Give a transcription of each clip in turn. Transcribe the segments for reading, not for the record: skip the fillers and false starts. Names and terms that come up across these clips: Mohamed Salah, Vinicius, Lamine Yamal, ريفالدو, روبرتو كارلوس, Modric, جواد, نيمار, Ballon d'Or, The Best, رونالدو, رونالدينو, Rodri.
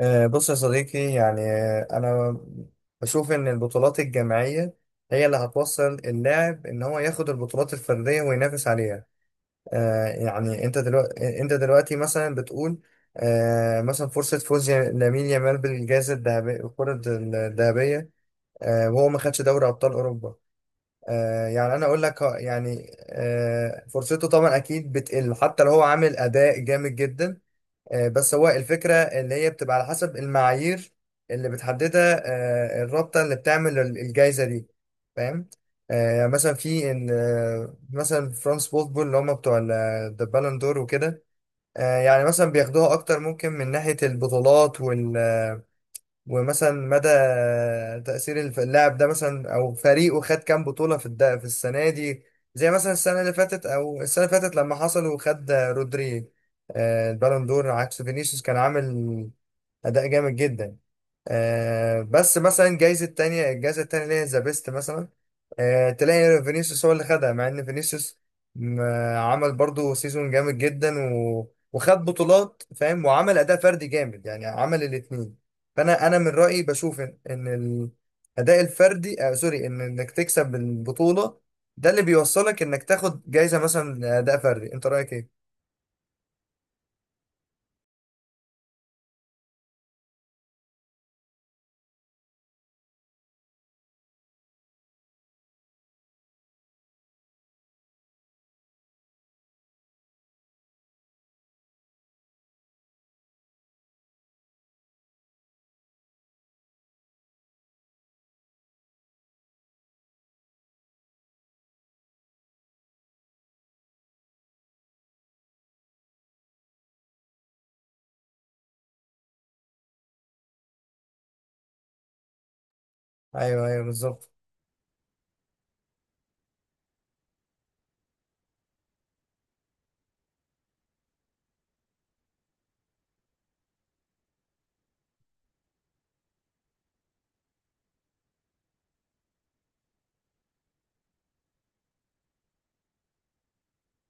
بص يا صديقي، يعني أنا بشوف إن البطولات الجماعية هي اللي هتوصل اللاعب إن هو ياخد البطولات الفردية وينافس عليها. يعني أنت دلوقتي مثلا بتقول مثلا فرصة فوز لامين يامال بالجائزة الذهبية، الكرة الذهبية، وهو ما خدش دوري أبطال أوروبا. يعني أنا أقول لك، فرصته طبعا أكيد بتقل حتى لو هو عامل أداء جامد جدا. بس هو الفكرة اللي هي بتبقى على حسب المعايير اللي بتحددها الرابطة اللي بتعمل الجايزة دي، فاهم؟ مثلا في ال- آه، مثلا فرانس بوتبول اللي هم بتوع البالون دور وكده. يعني مثلا بياخدوها اكتر ممكن من ناحية البطولات، ومثلا مدى تأثير اللاعب ده مثلا أو فريقه خد كام بطولة في السنة دي، زي مثلا السنة اللي فاتت لما حصل وخد رودري. البالون دور، عكس فينيسيوس كان عامل أداء جامد جدا. بس مثلا جايزة تانية، الجايزة التانية اللي هي ذا بيست مثلا، تلاقي فينيسيوس هو اللي خدها، مع ان فينيسيوس م- عمل برضو سيزون جامد جدا وخد بطولات، فاهم، وعمل أداء فردي جامد، يعني عمل الاتنين. فأنا من رأيي بشوف إن الأداء الفردي، سوري، إنك تكسب البطولة ده اللي بيوصلك إنك تاخد جايزة مثلا أداء فردي. أنت رأيك إيه؟ أيوه، أيوه، بالظبط.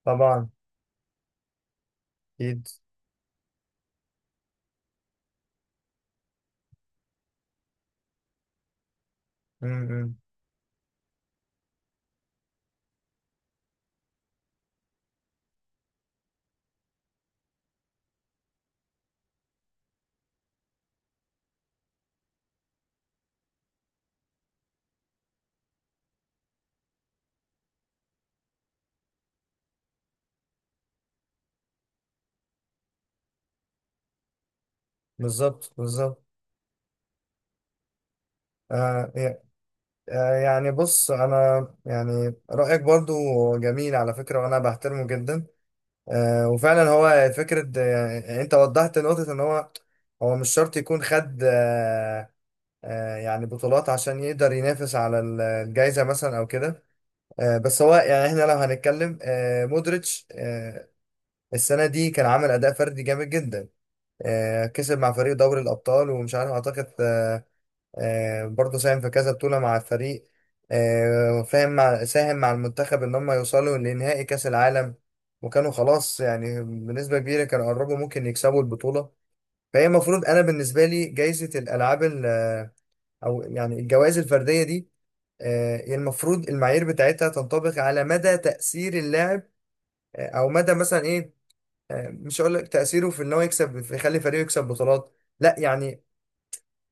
طبعا. أكيد. م- م. بالظبط، بالظبط. آه يعني بص انا يعني رايك برضو جميل على فكره، وانا بحترمه جدا. وفعلا هو فكره، يعني انت وضحت نقطه ان هو هو مش شرط يكون خد يعني بطولات عشان يقدر ينافس على الجائزه مثلا او كده. بس هو يعني احنا لو هنتكلم مودريتش، السنه دي كان عامل اداء فردي جامد جدا. كسب مع فريق دوري الابطال، ومش عارف اعتقد برضه ساهم في كذا بطولة مع الفريق. فاهم، مع ساهم مع المنتخب إن هم يوصلوا لنهائي كأس العالم، وكانوا خلاص يعني بنسبة كبيرة كانوا قربوا ممكن يكسبوا البطولة. فهي المفروض، أنا بالنسبة لي جايزة الألعاب أو يعني الجوائز الفردية دي، هي المفروض المعايير بتاعتها تنطبق على مدى تأثير اللاعب، أو مدى مثلا إيه، مش هقول لك تأثيره في إن هو يكسب في يخلي فريقه يكسب بطولات، لا يعني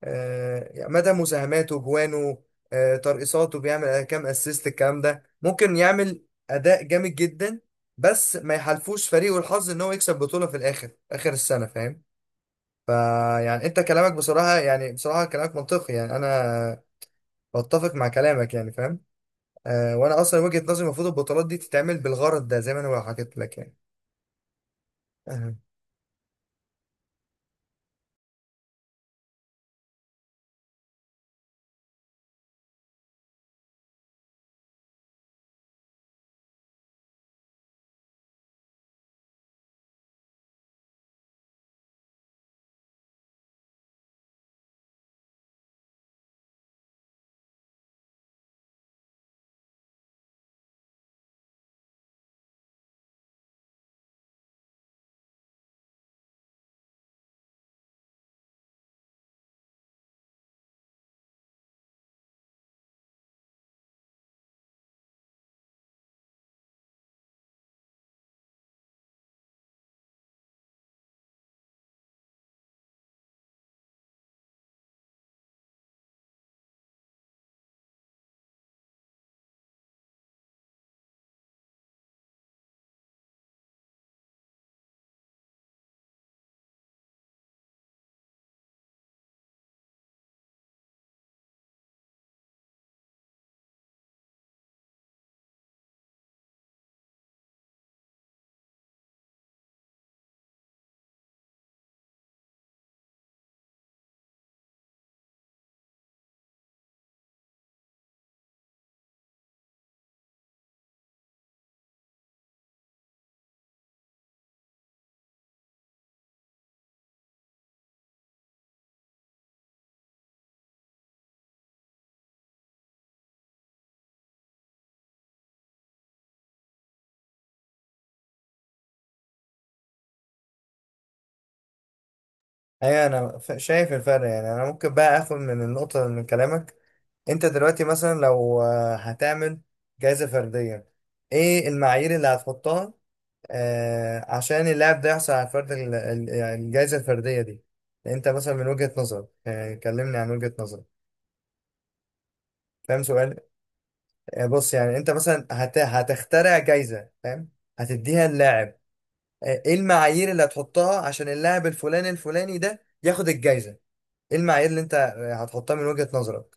مدى مساهماته جوانه، ترقصاته، بيعمل كام اسيست، الكلام ده ممكن يعمل اداء جامد جدا بس ما يحالفوش فريقه الحظ ان هو يكسب بطولة في الاخر، اخر السنة، فاهم. فيعني انت كلامك بصراحة، يعني بصراحة كلامك منطقي، يعني انا بتفق مع كلامك يعني فاهم. وانا اصلا وجهة نظري المفروض البطولات دي تتعمل بالغرض ده زي ما انا حكيت لك يعني. ايوه، انا شايف الفرق. يعني انا ممكن بقى اخد من النقطه من كلامك. انت دلوقتي مثلا لو هتعمل جائزه فرديه، ايه المعايير اللي هتحطها عشان اللاعب ده يحصل على فرد يعني الجائزه الفرديه دي؟ انت مثلا من وجهه نظرك، كلمني عن وجهه نظرك، فاهم سؤال؟ بص، يعني انت مثلا هتخترع جائزه، فاهم، هتديها للاعب. ايه المعايير اللي هتحطها عشان اللاعب الفلاني الفلاني ده ياخد الجائزه؟ ايه المعايير اللي انت هتحطها من وجهة نظرك؟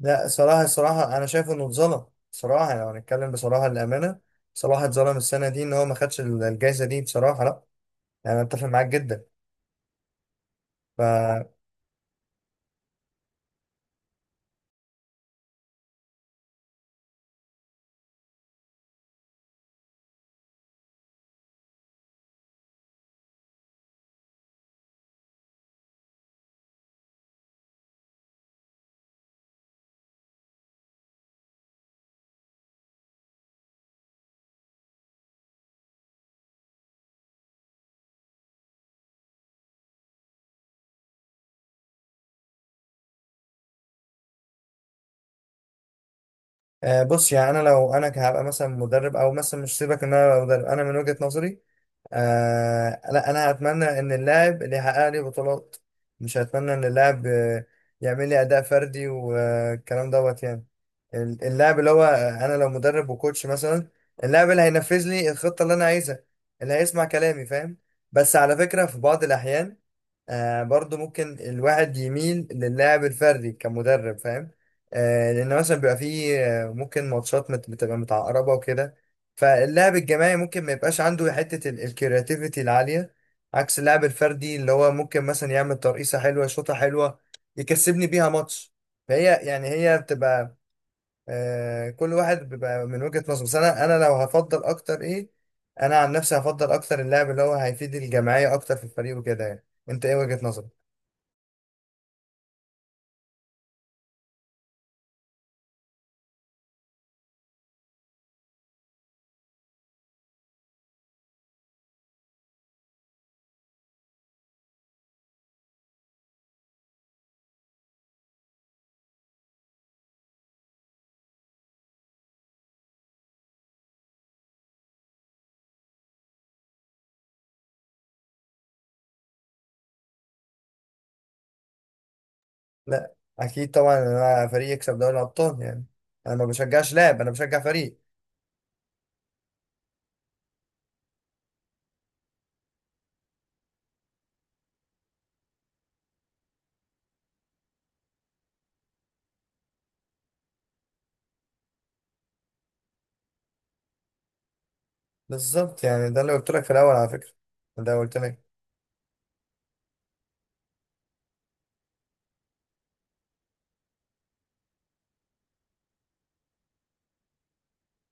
لا، صراحة صراحة انا شايف انه اتظلم. صراحة يعني، لو هنتكلم بصراحة للأمانة، صلاح اتظلم السنة دي ان هو ما خدش الجائزة دي، بصراحة. لا يعني انا اتفق معاك جدا. ف آه، بص يعني انا لو انا هبقى مثلا مدرب، او مثلا مش سيبك ان انا أبقى مدرب، انا من وجهة نظري لا، انا هتمنى ان اللاعب اللي يحقق لي بطولات، مش هتمنى ان اللاعب يعمل لي اداء فردي والكلام دوت يعني. اللاعب اللي هو، انا لو مدرب وكوتش مثلا، اللاعب اللي هينفذ لي الخطة اللي انا عايزها، اللي هيسمع كلامي، فاهم. بس على فكرة في بعض الاحيان برضو ممكن الواحد يميل للاعب الفردي كمدرب، فاهم. لان مثلا بيبقى فيه ممكن ماتشات بتبقى متعقربة وكده، فاللعب الجماعي ممكن ما يبقاش عنده حتة الكرياتيفيتي العالية عكس اللعب الفردي اللي هو ممكن مثلا يعمل ترقيصة حلوة، شوطة حلوة، يكسبني بيها ماتش. فهي يعني هي بتبقى كل واحد بيبقى من وجهة نظره، بس انا لو هفضل اكتر ايه، انا عن نفسي هفضل اكتر اللعب اللي هو هيفيد الجماعية اكتر في الفريق وكده. يعني انت ايه وجهة نظرك؟ لا اكيد طبعا انا فريق يكسب دوري الابطال يعني. انا ما بشجعش لاعب، انا بشجع فريق. بالظبط يعني ده اللي قلت لك في الاول، على فكرة ده قلت لك.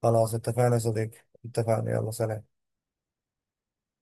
خلاص اتفقنا يا صديقي. اتفقنا، يلا سلام.